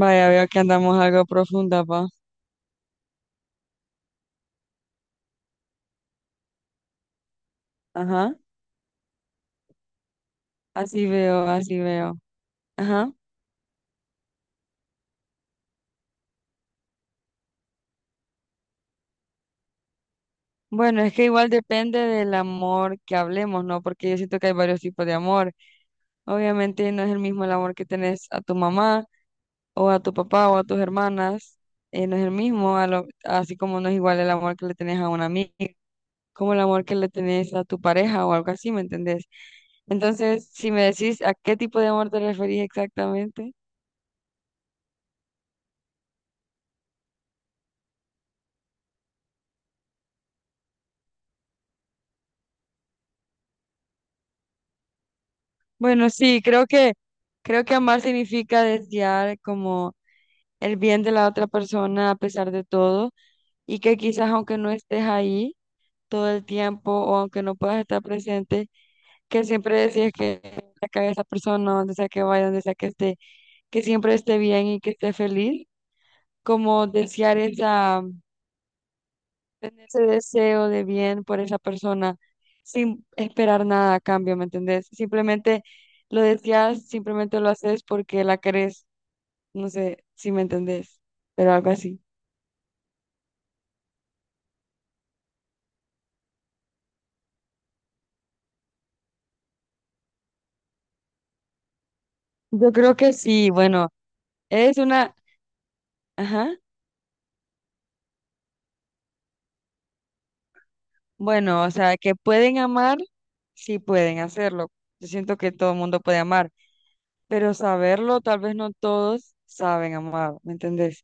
Vaya, veo que andamos algo profunda, pa. Ajá. Así veo, así veo. Ajá. Bueno, es que igual depende del amor que hablemos, ¿no? Porque yo siento que hay varios tipos de amor. Obviamente no es el mismo el amor que tenés a tu mamá o a tu papá o a tus hermanas. No es el mismo, así como no es igual el amor que le tenés a una amiga, como el amor que le tenés a tu pareja o algo así, ¿me entendés? Entonces, si me decís a qué tipo de amor te referís exactamente. Bueno, sí, creo que amar significa desear como el bien de la otra persona a pesar de todo y que quizás aunque no estés ahí todo el tiempo o aunque no puedas estar presente, que siempre decías que acá esa persona, donde sea que vaya, donde sea que esté, que siempre esté bien y que esté feliz, como desear esa tener ese deseo de bien por esa persona sin esperar nada a cambio, ¿me entendés? Simplemente lo deseas, simplemente lo haces porque la querés, no sé si me entendés, pero algo así. Yo creo que sí, bueno, es una, ajá, bueno, o sea, que pueden amar, sí pueden hacerlo. Yo siento que todo el mundo puede amar, pero saberlo, tal vez no todos saben amar, ¿me entendés?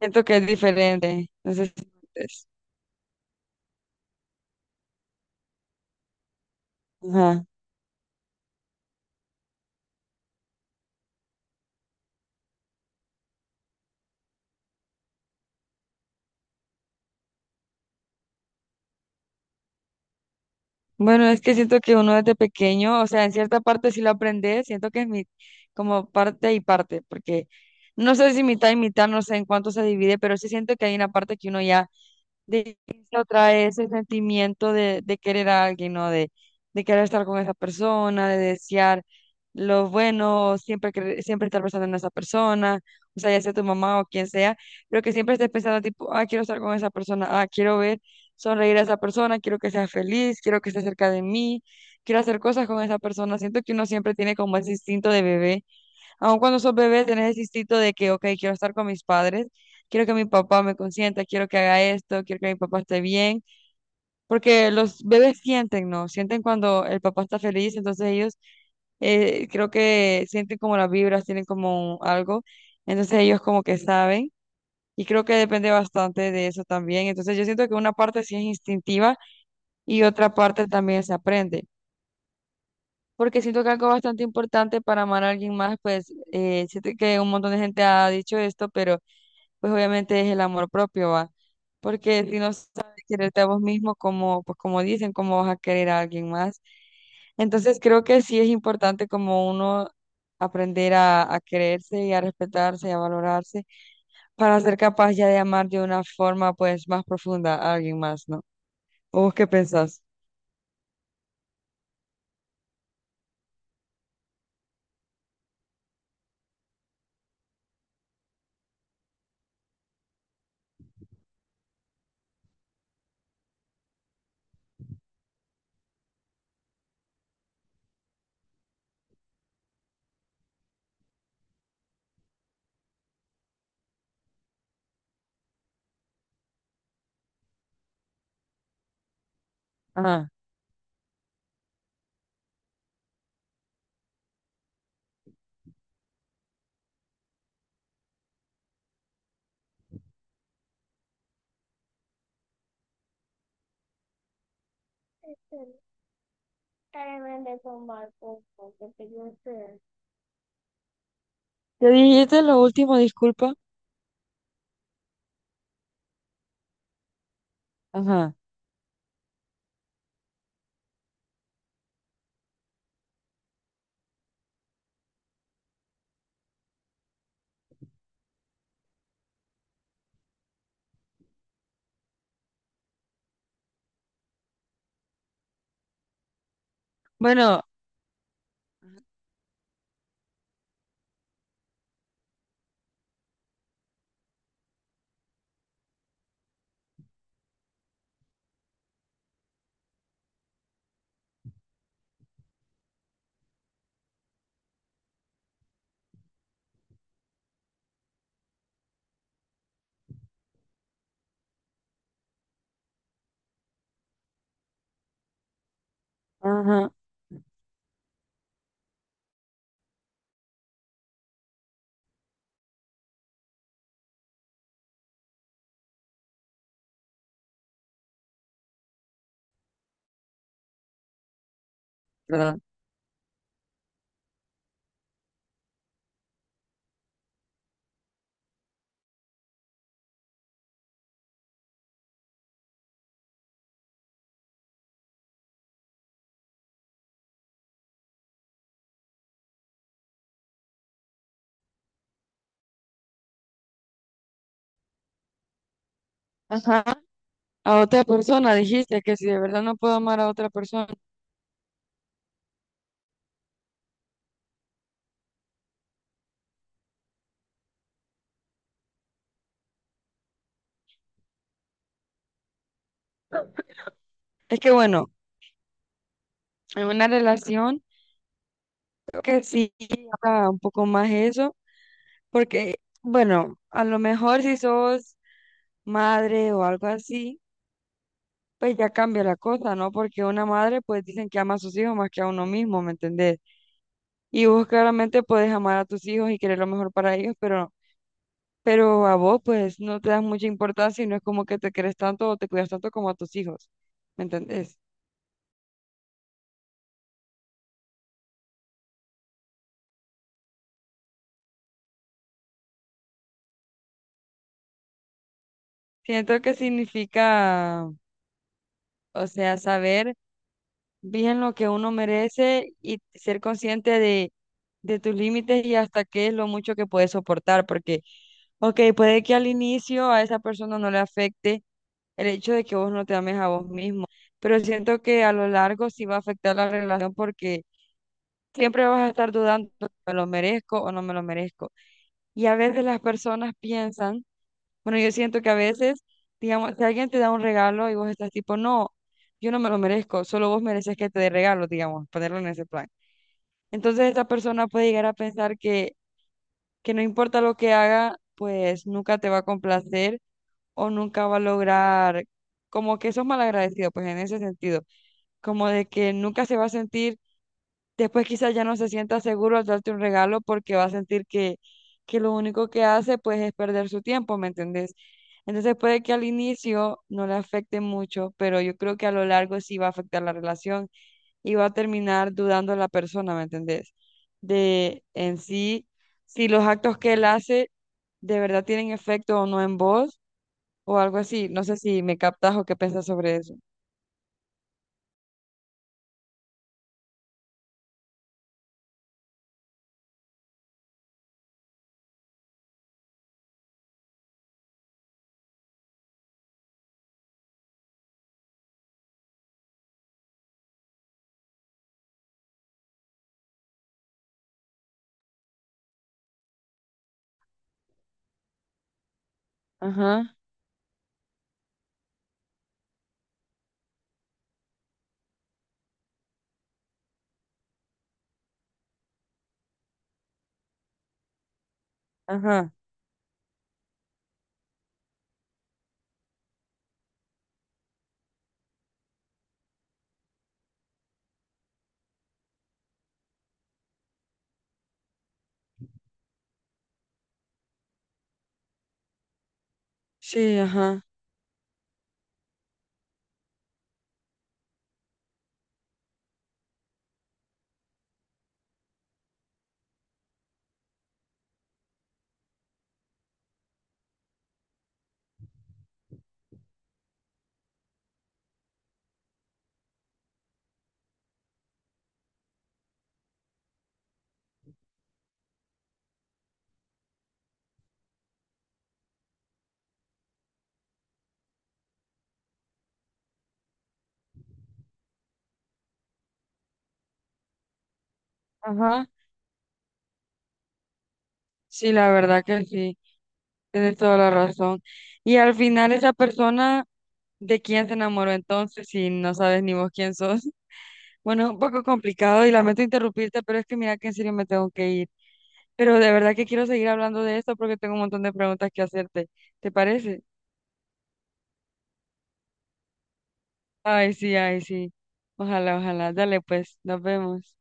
Siento que es diferente, no sé si me entendés. Ajá. Bueno, es que siento que uno desde pequeño, o sea, en cierta parte sí lo aprende, siento que es mi, como parte y parte, porque no sé si mitad y mitad, no sé en cuánto se divide, pero sí siento que hay una parte que uno ya de la otra ese sentimiento de querer a alguien, ¿no? De querer estar con esa persona, de desear lo bueno, siempre, siempre estar pensando en esa persona, o sea, ya sea tu mamá o quien sea, pero que siempre estés pensando tipo, ah, quiero estar con esa persona, ah, quiero ver sonreír a esa persona, quiero que sea feliz, quiero que esté cerca de mí, quiero hacer cosas con esa persona. Siento que uno siempre tiene como ese instinto de bebé. Aun cuando sos bebé, tenés el instinto de que, ok, quiero estar con mis padres, quiero que mi papá me consienta, quiero que haga esto, quiero que mi papá esté bien, porque los bebés sienten, ¿no? Sienten cuando el papá está feliz, entonces ellos creo que sienten como las vibras, tienen como algo, entonces ellos como que saben. Y creo que depende bastante de eso también. Entonces yo siento que una parte sí es instintiva y otra parte también se aprende porque siento que algo bastante importante para amar a alguien más, pues siento que un montón de gente ha dicho esto, pero pues obviamente es el amor propio, ¿va? Porque si no sabes quererte a vos mismo, como, pues como dicen, ¿cómo vas a querer a alguien más? Entonces creo que sí es importante como uno aprender a quererse y a respetarse y a valorarse para ser capaz ya de amar de una forma pues más profunda a alguien más, ¿no? ¿O vos qué pensás? Ajá. ¿Te dijiste lo último? Disculpa. Ajá. Bueno. Ajá, ¿verdad? Ajá. A otra persona dijiste que si de verdad no puedo amar a otra persona. Es que bueno, en una relación creo que sí está un poco más eso, porque bueno, a lo mejor si sos madre o algo así, pues ya cambia la cosa, ¿no? Porque una madre, pues dicen que ama a sus hijos más que a uno mismo, ¿me entendés? Y vos claramente puedes amar a tus hijos y querer lo mejor para ellos, pero a vos pues no te das mucha importancia y no es como que te querés tanto o te cuidas tanto como a tus hijos, ¿me entendés? Siento que significa, o sea, saber bien lo que uno merece y ser consciente de tus límites y hasta qué es lo mucho que puedes soportar, porque, ok, puede que al inicio a esa persona no le afecte el hecho de que vos no te ames a vos mismo, pero siento que a lo largo sí va a afectar la relación porque siempre vas a estar dudando, si ¿me lo merezco o no me lo merezco? Y a veces las personas piensan, bueno, yo siento que a veces, digamos, si alguien te da un regalo y vos estás tipo, no, yo no me lo merezco, solo vos mereces que te dé regalo, digamos, ponerlo en ese plan. Entonces esa persona puede llegar a pensar que no importa lo que haga, pues nunca te va a complacer o nunca va a lograr, como que sos malagradecido, pues en ese sentido, como de que nunca se va a sentir. Después quizás ya no se sienta seguro al darte un regalo porque va a sentir que lo único que hace pues es perder su tiempo, ¿me entendés? Entonces puede que al inicio no le afecte mucho, pero yo creo que a lo largo sí va a afectar la relación y va a terminar dudando la persona, ¿me entendés? De en sí, si los actos que él hace de verdad tienen efecto o no en vos o algo así. No sé si me captas o qué piensas sobre eso. Ajá, ajá, sí, ajá, ajá, sí, la verdad que sí. Tienes toda la razón. Y al final esa persona ¿de quién se enamoró entonces si no sabes ni vos quién sos? Bueno, un poco complicado y lamento interrumpirte, pero es que mira que en serio me tengo que ir. Pero de verdad que quiero seguir hablando de esto porque tengo un montón de preguntas que hacerte. ¿Te parece? Ay, sí, ay, sí. Ojalá, ojalá. Dale, pues, nos vemos.